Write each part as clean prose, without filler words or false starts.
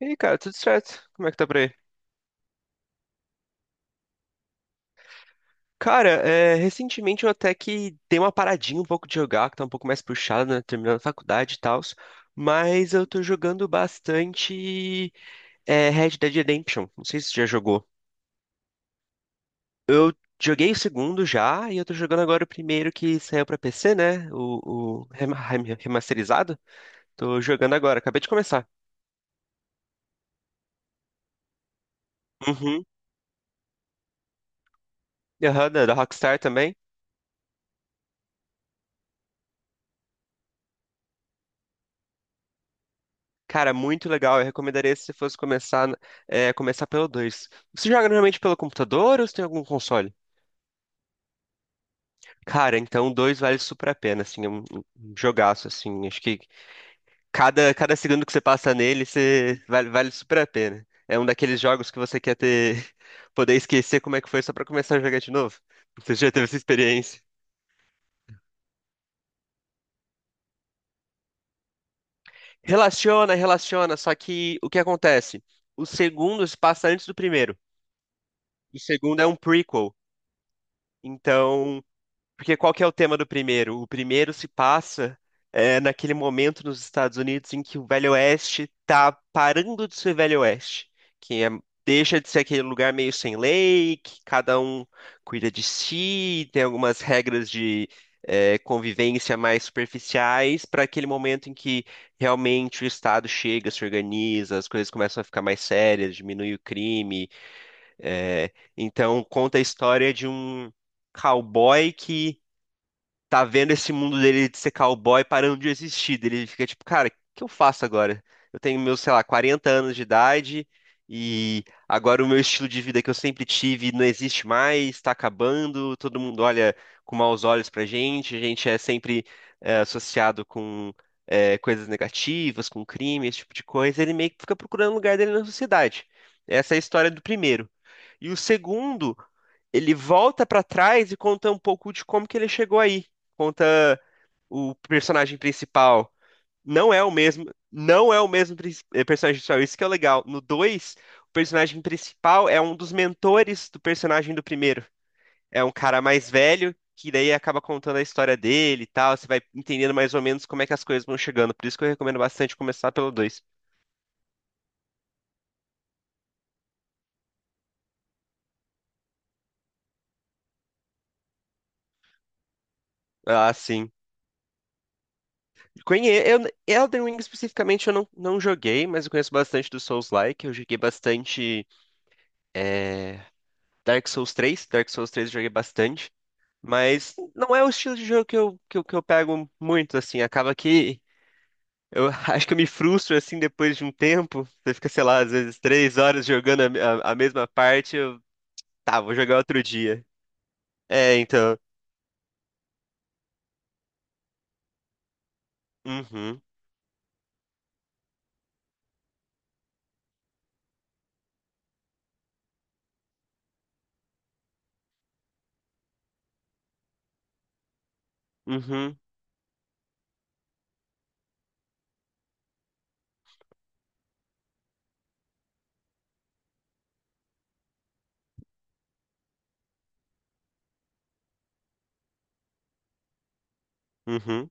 E aí, cara, tudo certo? Como é que tá por aí? Cara, recentemente eu até que dei uma paradinha um pouco de jogar, que tá um pouco mais puxado, né? Terminando a faculdade e tal. Mas eu tô jogando bastante Red Dead Redemption. Não sei se você já jogou. Joguei o segundo já, e eu tô jogando agora o primeiro que saiu pra PC, né? O remasterizado. Tô jogando agora, acabei de começar. Uhum. Aham, da Rockstar também. Cara, muito legal. Eu recomendaria se você fosse começar, começar pelo 2. Você joga normalmente pelo computador ou você tem algum console? Cara, então o 2 vale super a pena, assim, é um um jogaço, assim. Acho que cada segundo que você passa nele, você vale super a pena. É um daqueles jogos que você quer ter, poder esquecer como é que foi só pra começar a jogar de novo. Você já teve essa experiência? Relaciona, relaciona, só que o que acontece? O segundo se passa antes do primeiro. O segundo é um prequel. Então, porque qual que é o tema do primeiro? O primeiro se passa naquele momento nos Estados Unidos em que o Velho Oeste tá parando de ser Velho Oeste, que é- deixa de ser aquele lugar meio sem lei, que cada um cuida de si, tem algumas regras de convivência mais superficiais, para aquele momento em que realmente o Estado chega, se organiza, as coisas começam a ficar mais sérias, diminui o crime. É então conta a história de um cowboy que tá vendo esse mundo dele de ser cowboy parando de existir. Daí ele fica tipo, cara, o que eu faço agora? Eu tenho meus, sei lá, 40 anos de idade e agora o meu estilo de vida que eu sempre tive não existe mais, tá acabando, todo mundo olha com maus olhos pra gente, a gente é sempre associado com coisas negativas, com crime, esse tipo de coisa. Ele meio que fica procurando o lugar dele na sociedade. Essa é a história do primeiro. E o segundo ele volta pra trás e conta um pouco de como que ele chegou aí. Conta o personagem principal. Não é o mesmo, personagem principal, isso que é o legal. No 2, o personagem principal é um dos mentores do personagem do primeiro. É um cara mais velho, que daí acaba contando a história dele e tal. Você vai entendendo mais ou menos como é que as coisas vão chegando. Por isso que eu recomendo bastante começar pelo dois. Ah, sim. Conhe... Eu... Elden Ring especificamente eu não, não joguei, mas eu conheço bastante do Souls-like. Eu joguei bastante É, Dark Souls 3, Dark Souls 3 eu joguei bastante, mas não é o estilo de jogo que eu, que eu pego muito, assim, acaba que eu acho que eu me frustro, assim, depois de um tempo, você fica, sei lá, às vezes três horas jogando a mesma parte, tá, vou jogar outro dia. É, então, uhum, uhum, uhum.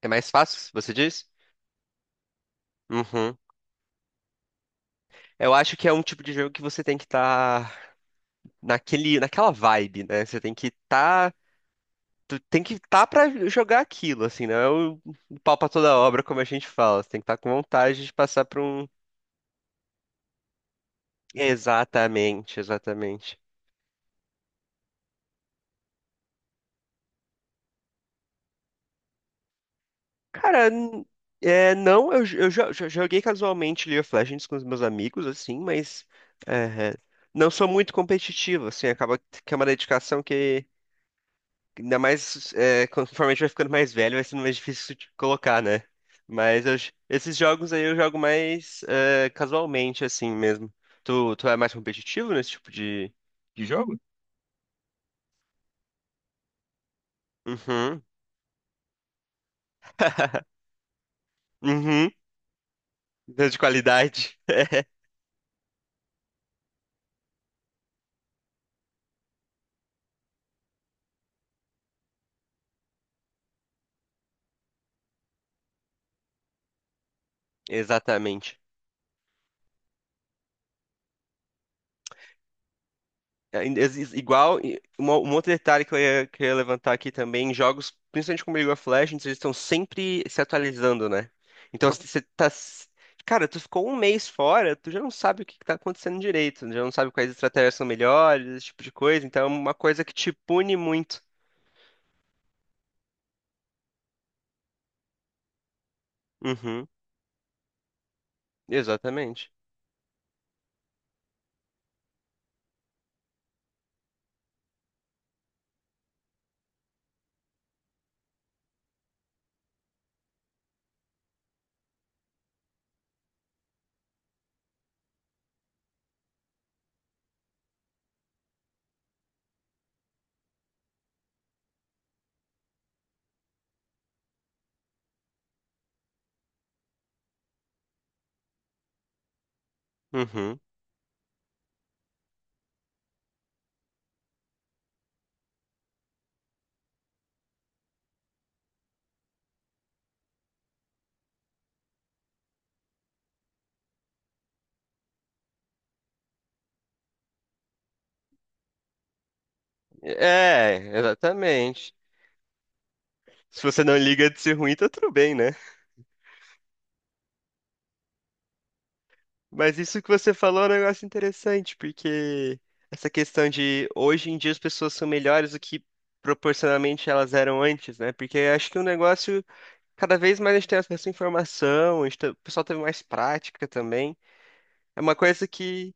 É mais fácil, você diz? Uhum. Eu acho que é um tipo de jogo que você tem que estar naquela vibe, né? Você tem que estar tu tem que estar pra jogar aquilo, assim, não é o pau pra toda obra, como a gente fala. Você tem que estar com vontade de passar pra um. Exatamente, exatamente. Cara, não, eu joguei casualmente League of Legends com os meus amigos, assim, mas é, não sou muito competitivo, assim, acaba que é uma dedicação que ainda mais, conforme a gente vai ficando mais velho, vai sendo mais difícil de colocar, né? Mas eu- esses jogos aí eu jogo mais casualmente, assim mesmo. Tu é mais competitivo nesse tipo de. De jogo? Uhum. Uhum. De qualidade. Exatamente. Igual, um outro detalhe que eu ia levantar aqui também, em jogos, principalmente como League of Legends, eles estão sempre se atualizando, né? Então, se você tá... s- cara, tu ficou um mês fora, tu já não sabe o que que tá acontecendo direito, já não sabe quais estratégias são melhores, esse tipo de coisa, então é uma coisa que te pune muito. Uhum, exatamente. Uhum. É, exatamente. Se você não liga de ser ruim, tá tudo bem, né? Mas isso que você falou é um negócio interessante, porque essa questão de hoje em dia as pessoas são melhores do que proporcionalmente elas eram antes, né? Porque eu acho que o negócio, cada vez mais a gente tem acesso à informação, o pessoal teve mais prática também. É uma coisa que,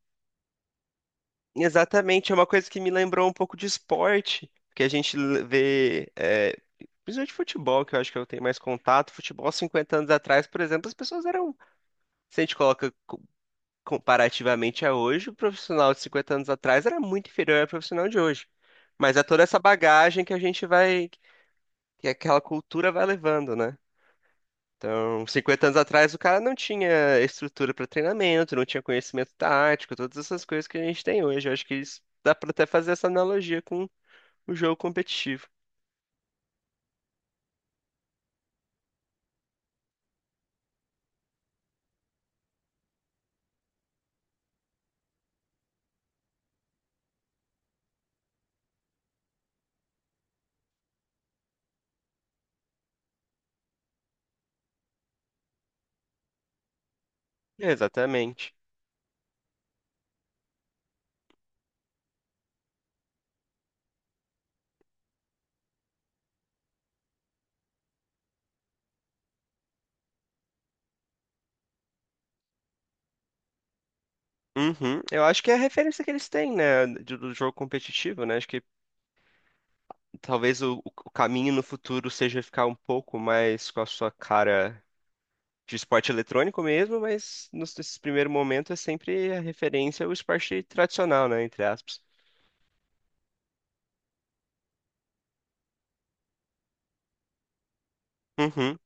exatamente, é uma coisa que me lembrou um pouco de esporte, que vê, principalmente futebol, que eu acho que eu tenho mais contato. Futebol, 50 anos atrás, por exemplo, as pessoas eram. Se a gente coloca. Comparativamente a hoje, o profissional de 50 anos atrás era muito inferior ao profissional de hoje. Mas é toda essa bagagem que a gente vai, que aquela cultura vai levando, né? Então, 50 anos atrás, o cara não tinha estrutura para treinamento, não tinha conhecimento tático, todas essas coisas que a gente tem hoje. Eu acho que isso dá para até fazer essa analogia com o jogo competitivo. Exatamente. Uhum. Eu acho que é a referência que eles têm, né, de- do jogo competitivo, né? Acho que talvez o caminho no futuro seja ficar um pouco mais com a sua cara de esporte eletrônico mesmo, mas nesse primeiro momento é sempre a referência ao esporte tradicional, né? Entre aspas. Uhum,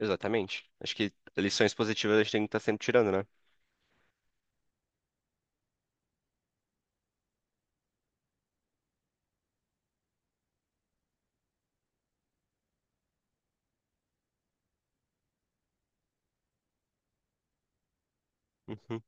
exatamente. Acho que lições positivas a gente tem que estar sempre tirando, né? Uhum.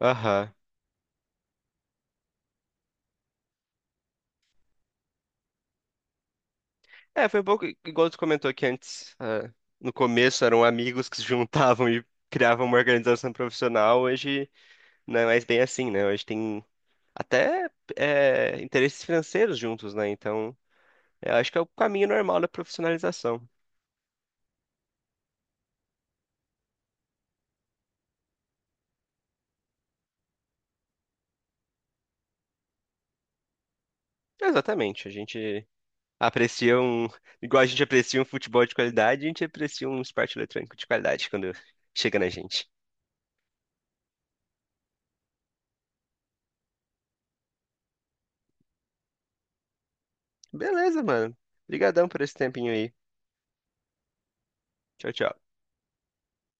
Aham. É, foi um pouco igual tu comentou aqui antes. No começo eram amigos que se juntavam e criavam uma organização profissional. Hoje não é mais bem assim, né? Hoje tem até interesses financeiros juntos, né? Então. É, eu acho que é o caminho normal da profissionalização. Exatamente. A gente aprecia um. Igual a gente aprecia um futebol de qualidade, a gente aprecia um esporte eletrônico de qualidade quando chega na gente. Beleza, mano. Obrigadão por esse tempinho aí. Tchau, tchau.